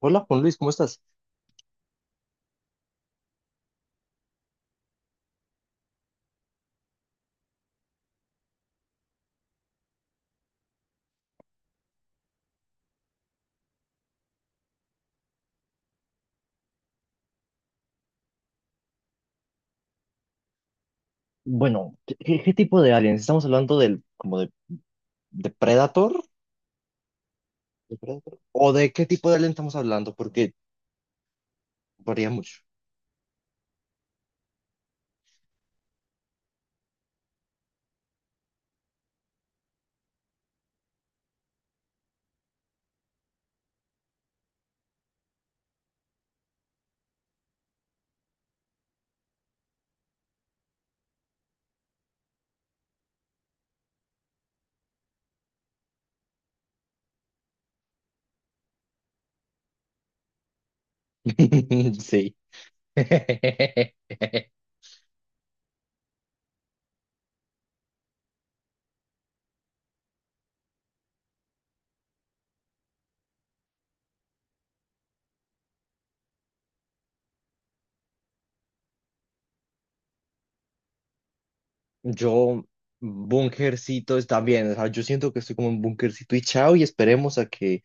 Hola, Juan Luis, ¿cómo estás? Bueno, ¿qué tipo de aliens? ¿Estamos hablando de Predator? ¿De Predator? ¿O de qué tipo de alien estamos hablando? Porque varía mucho. Sí. Yo, bunkercito está bien, o sea, yo siento que estoy como un bunkercito y chao y esperemos a que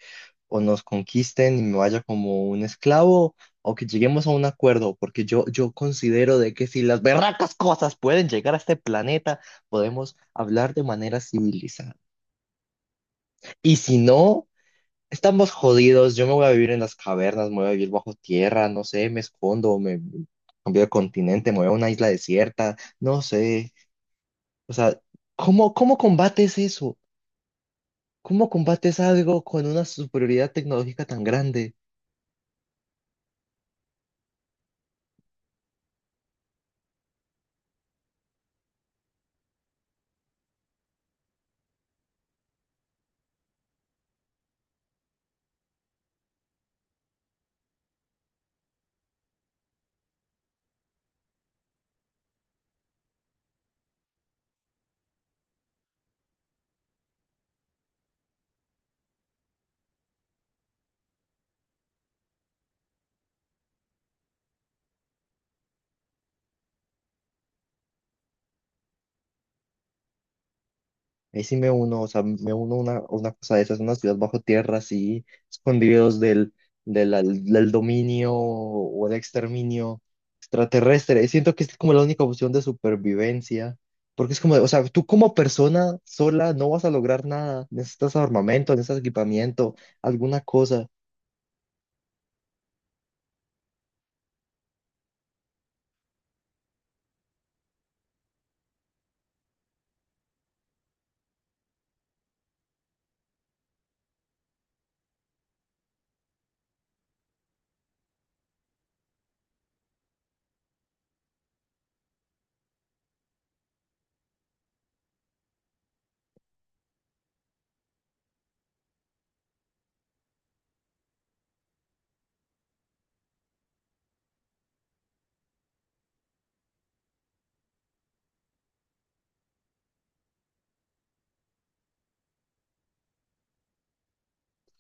o nos conquisten y me vaya como un esclavo o que lleguemos a un acuerdo, porque yo considero de que si las berracas cosas pueden llegar a este planeta, podemos hablar de manera civilizada. Y si no, estamos jodidos, yo me voy a vivir en las cavernas, me voy a vivir bajo tierra, no sé, me escondo, me cambio de continente, me voy a una isla desierta, no sé. O sea, ¿cómo combates eso? ¿Cómo combates algo con una superioridad tecnológica tan grande? Ahí sí me uno, o sea, me uno a una cosa de esas, una ciudad bajo tierra, así, escondidos del dominio o del exterminio extraterrestre. Y siento que es como la única opción de supervivencia, porque es como, o sea, tú como persona sola no vas a lograr nada, necesitas armamento, necesitas equipamiento, alguna cosa.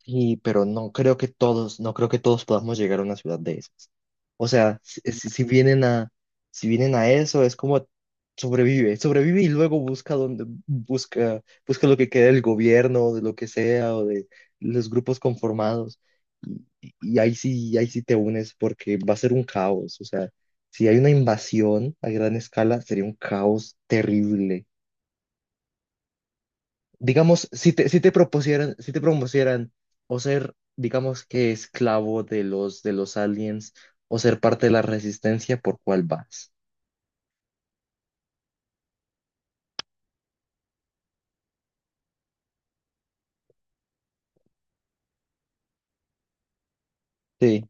Y, pero no creo que todos, no creo que todos podamos llegar a una ciudad de esas. O sea, si vienen a, si vienen a eso, es como sobrevive, sobrevive y luego busca donde, busca, busca lo que queda del gobierno, o de lo que sea, o de los grupos conformados. Y ahí sí te unes porque va a ser un caos. O sea, si hay una invasión a gran escala, sería un caos terrible. Digamos, si te propusieran o ser, digamos que esclavo de los aliens o ser parte de la resistencia, ¿por cuál vas? Sí.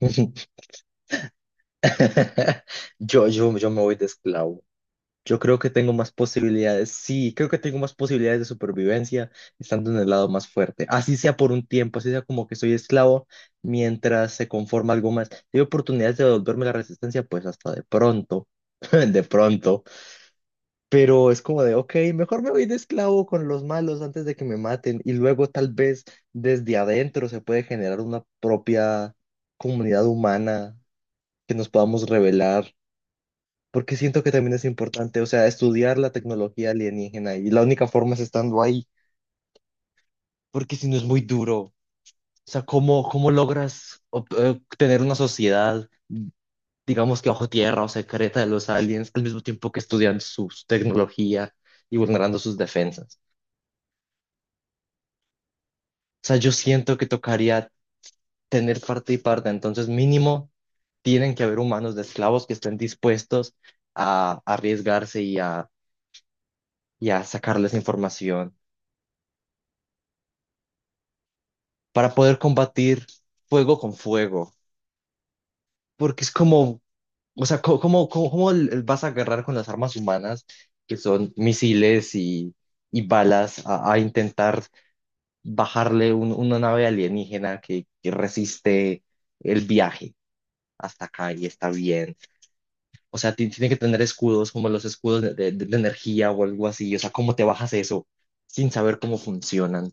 Yo me voy de esclavo. Yo creo que tengo más posibilidades. Sí, creo que tengo más posibilidades de supervivencia estando en el lado más fuerte. Así sea por un tiempo, así sea como que soy esclavo mientras se conforma algo más. Si hay oportunidades de devolverme la resistencia, pues hasta de pronto. De pronto. Pero es como de, ok, mejor me voy de esclavo con los malos antes de que me maten y luego tal vez desde adentro se puede generar una propia comunidad humana que nos podamos revelar, porque siento que también es importante, o sea, estudiar la tecnología alienígena y la única forma es estando ahí, porque si no es muy duro, o sea, ¿cómo logras tener una sociedad, digamos que bajo tierra o secreta de los aliens al mismo tiempo que estudian su tecnología y vulnerando sus defensas? Sea, yo siento que tocaría tener parte y parte, entonces mínimo tienen que haber humanos de esclavos que estén dispuestos a arriesgarse y a sacarles información para poder combatir fuego con fuego, porque es como, o sea, ¿cómo vas a agarrar con las armas humanas, que son misiles y balas, a intentar bajarle una nave alienígena que resiste el viaje hasta acá y está bien? O sea, tiene que tener escudos como los escudos de la energía o algo así. O sea, ¿cómo te bajas eso sin saber cómo funcionan?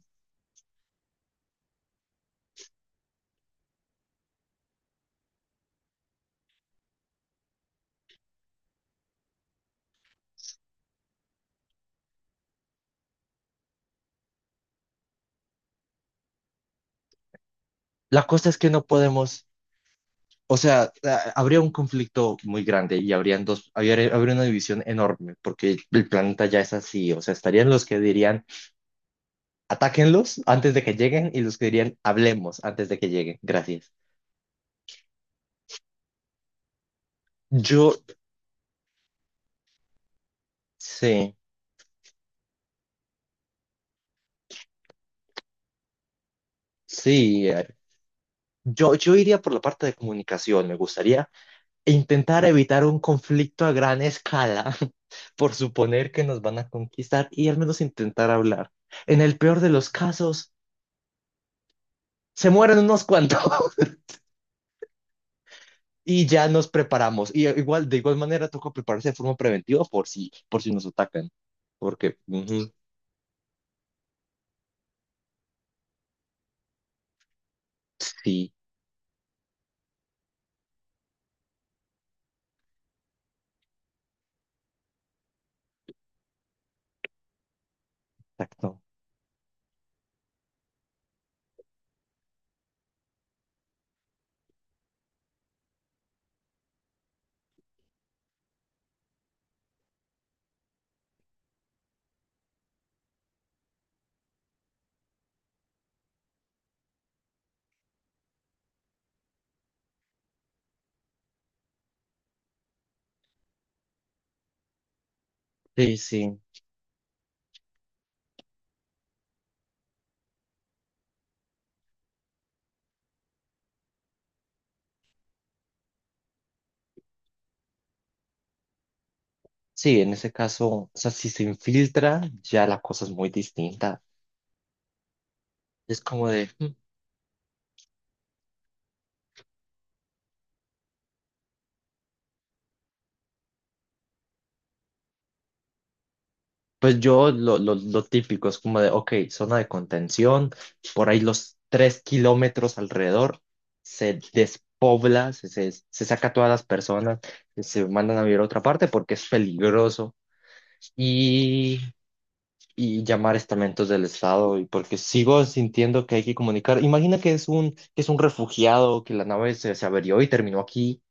La cosa es que no podemos, o sea, habría un conflicto muy grande y habrían habría una división enorme porque el planeta ya es así. O sea, estarían los que dirían, atáquenlos antes de que lleguen y los que dirían, hablemos antes de que lleguen. Gracias. Yo, sí, sí. Yo iría por la parte de comunicación. Me gustaría e intentar evitar un conflicto a gran escala por suponer que nos van a conquistar y al menos intentar hablar. En el peor de los casos, se mueren unos cuantos y ya nos preparamos. Y igual, de igual manera, toca prepararse de forma preventiva por si nos atacan. Porque, ujú, sí, exacto. Sí, sí. Sí, en ese caso, o sea, si se infiltra, ya la cosa es muy distinta. Es como de, "Mm, pues yo lo típico es como de, ok, zona de contención, por ahí los 3 kilómetros alrededor se despobla, se saca a todas las personas, se mandan a vivir a otra parte porque es peligroso y, y llamar estamentos del Estado y porque sigo sintiendo que hay que comunicar. Imagina que es un refugiado, que la nave se averió y terminó aquí.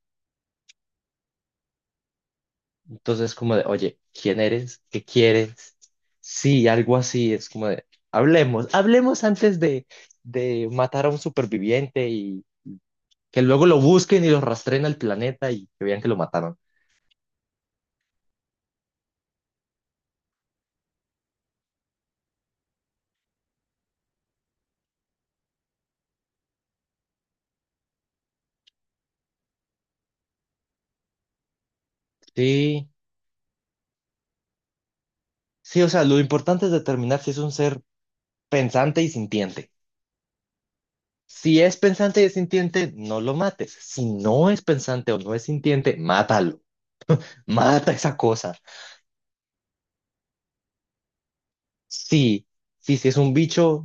Entonces, es como de, oye, ¿quién eres? ¿Qué quieres? Sí, algo así, es como de, hablemos, hablemos antes de matar a un superviviente y que luego lo busquen y lo rastreen al planeta y que vean que lo mataron. Sí, sí, o sea, lo importante es determinar si es un ser pensante y sintiente. Si es pensante y es sintiente, no lo mates. Si no es pensante o no es sintiente, mátalo. Mata esa cosa. Sí, sí, si es un bicho,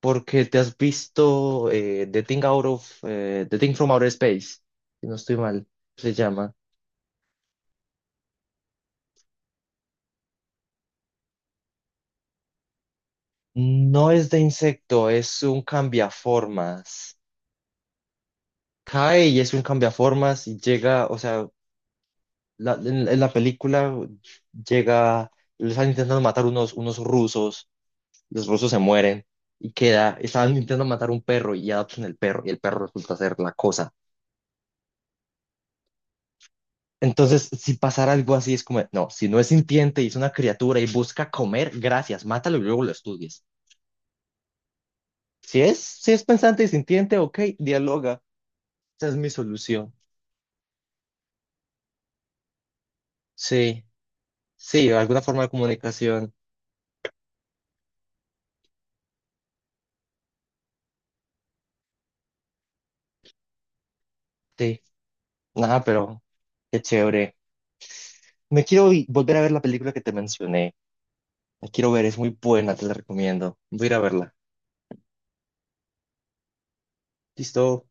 porque te has visto The Thing Out of The Thing from Outer Space, si no estoy mal, se llama. No es de insecto, es un cambiaformas. Cae y es un cambiaformas y llega, o sea, en la película llega, les están intentando matar unos, unos rusos, los rusos se mueren y queda, estaban intentando matar un perro y adoptan el perro y el perro resulta ser la cosa. Entonces, si pasara algo así, es como, no, si no es sintiente y es una criatura y busca comer, gracias, mátalo y luego lo estudies. Si es, si es pensante y sintiente, ok, dialoga. Esa es mi solución. Sí, sí, alguna forma de comunicación. Sí, nada, pero qué chévere. Me quiero volver a ver la película que te mencioné. La quiero ver, es muy buena, te la recomiendo. Voy a ir a verla. Listo.